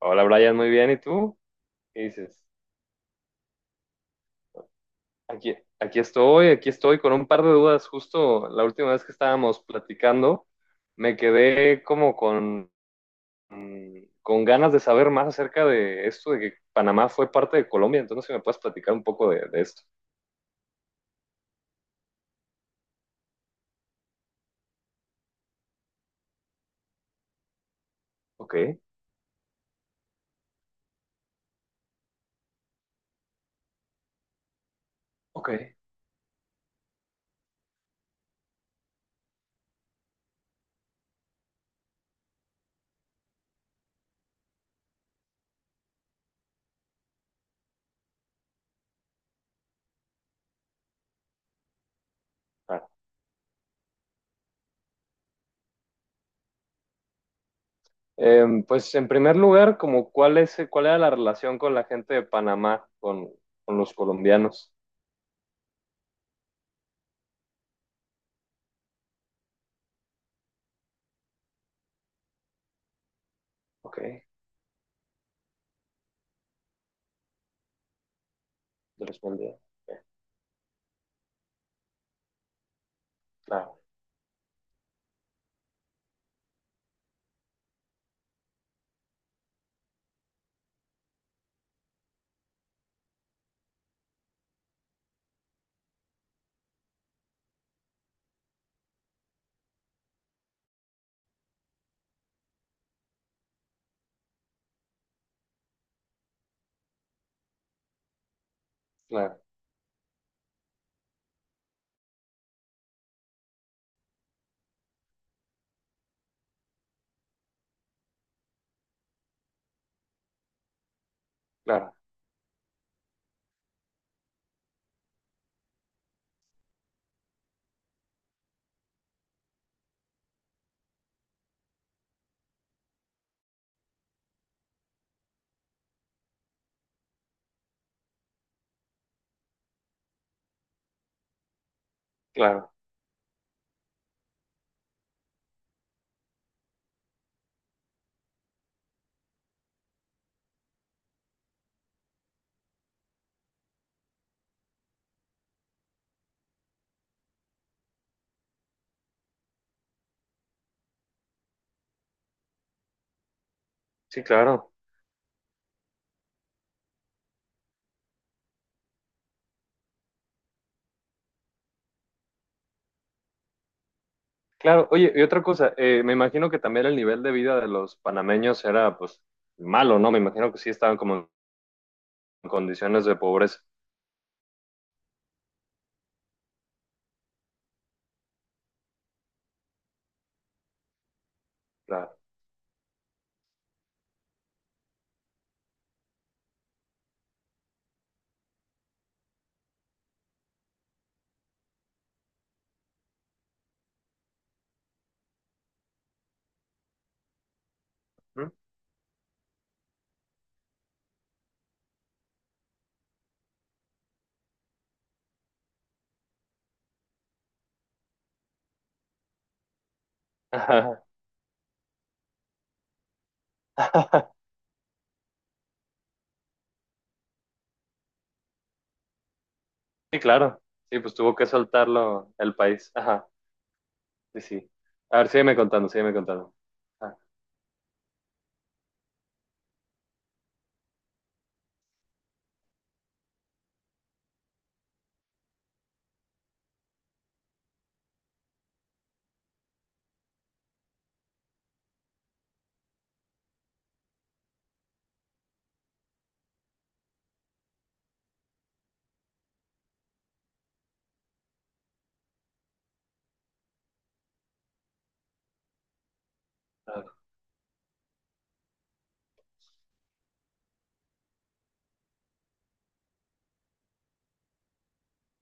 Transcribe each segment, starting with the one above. Hola Brian, muy bien. ¿Y tú? ¿Qué dices? Aquí estoy con un par de dudas. Justo la última vez que estábamos platicando, me quedé como con con ganas de saber más acerca de esto, de que Panamá fue parte de Colombia. Entonces, si me puedes platicar un poco de esto. Ok, ok. Ah. Pues en primer lugar, como cuál era la relación con la gente de Panamá, con los colombianos. Ok, de los colombianos. Ok, claro, claro, claro, claro. Sí, claro. Claro, oye, y otra cosa, me imagino que también el nivel de vida de los panameños era pues malo, ¿no? Me imagino que sí estaban como en condiciones de pobreza. Claro. ¿Mm? Ajá. Sí, claro. Sí, pues tuvo que soltarlo el país. Ajá, sí, sí. A ver, sígueme contando, sígueme contando. Ah, claro,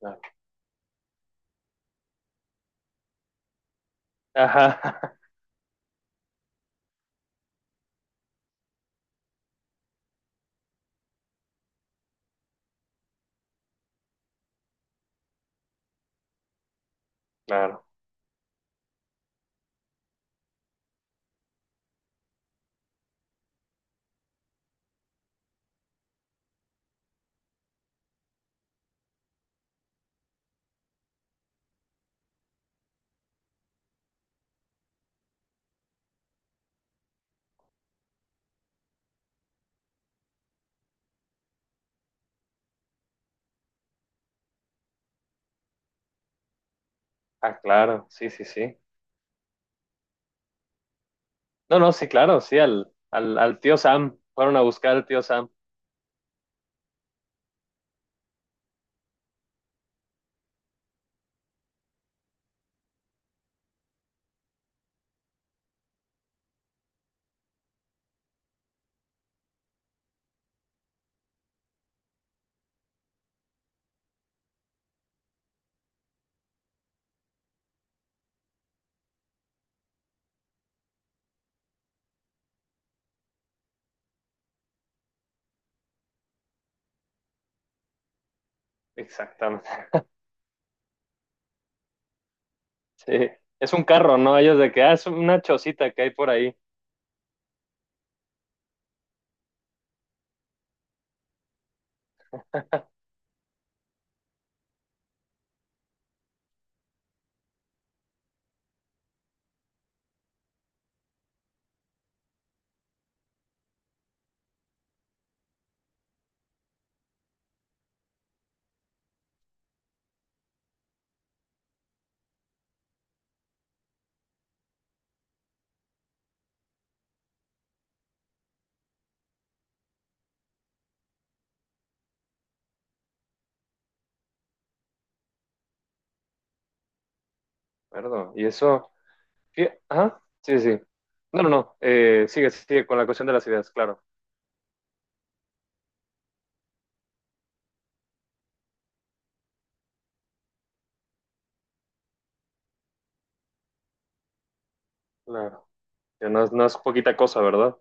claro. Ajá, claro. Ah, claro, sí, sí, sí. No, no, sí, claro, sí, al tío Sam. Fueron a buscar al tío Sam. Exactamente. Sí, es un carro, ¿no? Ellos de que, ah, es una chocita que hay por ahí, perdón. Y eso, sí, ajá, sí, sí. No, no, no, sigue, sigue con la cuestión de las ideas, claro, claro. Que no, no es poquita cosa, ¿verdad?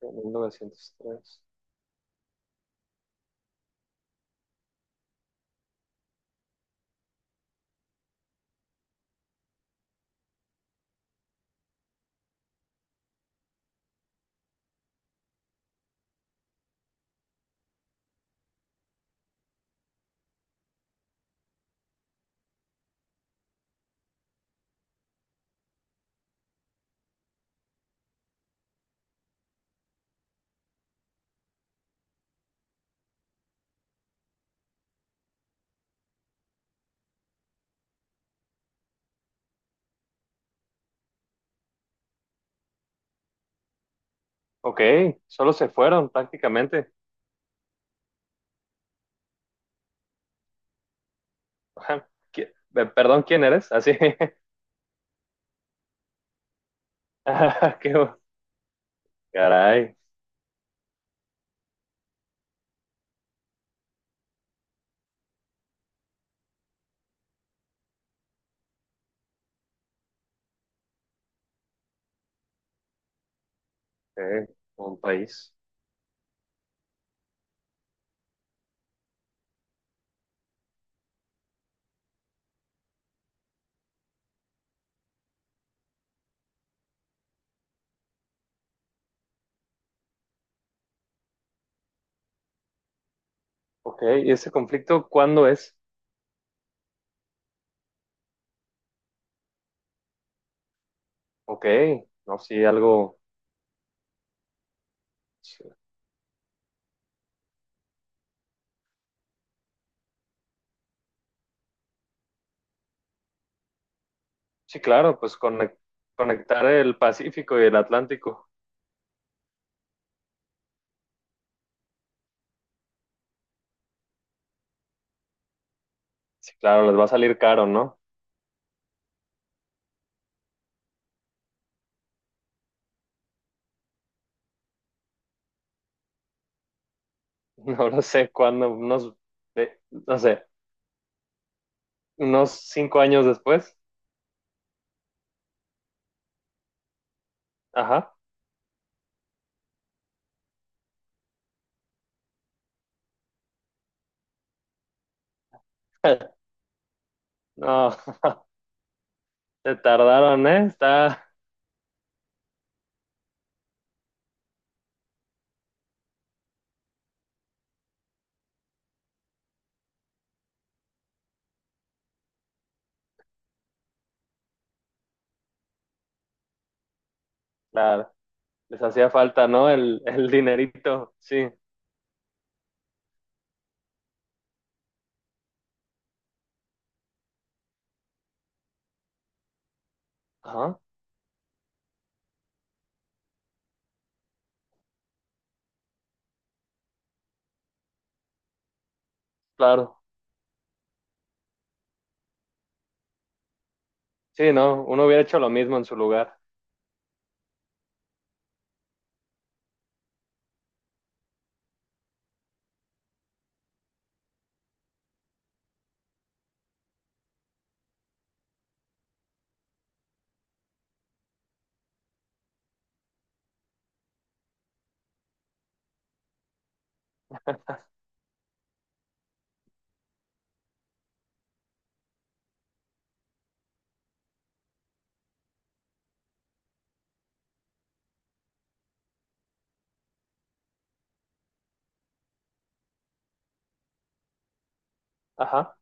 1903. Ok, solo se fueron prácticamente. Ajá. ¿ Perdón, ¿quién eres? Así. Ah, caray, eh, un país. Ok, ¿y ese conflicto cuándo es? Ok, no, sí, algo. Sí, sí, claro, pues conectar el Pacífico y el Atlántico. Sí, claro, les va a salir caro, ¿no? No lo sé cuándo, unos, de- no sé, unos 5 años después. Ajá. No, se tardaron, ¿eh? Está, claro, les hacía falta, ¿no? El dinerito, sí. Ajá, claro. Sí, no, uno hubiera hecho lo mismo en su lugar. Ajá.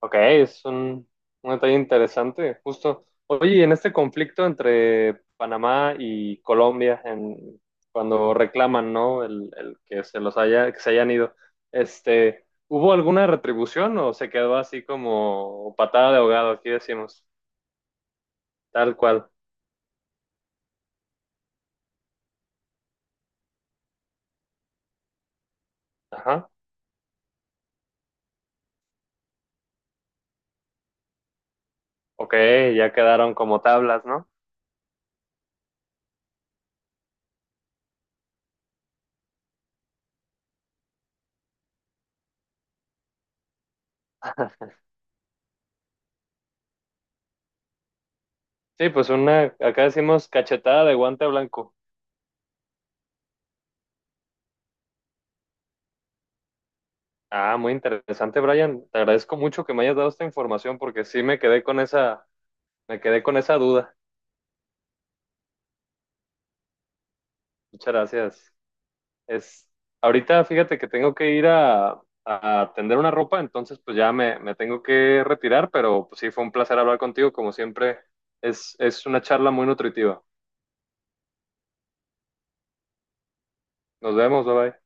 Ok, un detalle interesante, justo. Oye, y en este conflicto entre Panamá y Colombia, en, cuando reclaman, ¿no? El que se los haya, que se hayan ido, este, ¿hubo alguna retribución o se quedó así como patada de ahogado? Aquí decimos, tal cual. Ajá. Ok, ya quedaron como tablas, ¿no? Sí, pues una, acá decimos cachetada de guante blanco. Ah, muy interesante, Brian. Te agradezco mucho que me hayas dado esta información porque sí me quedé con esa. Me quedé con esa duda. Muchas gracias. Es, ahorita fíjate que tengo que ir a tender una ropa, entonces pues ya me tengo que retirar, pero pues sí, fue un placer hablar contigo, como siempre. Es una charla muy nutritiva. Nos vemos, bye bye.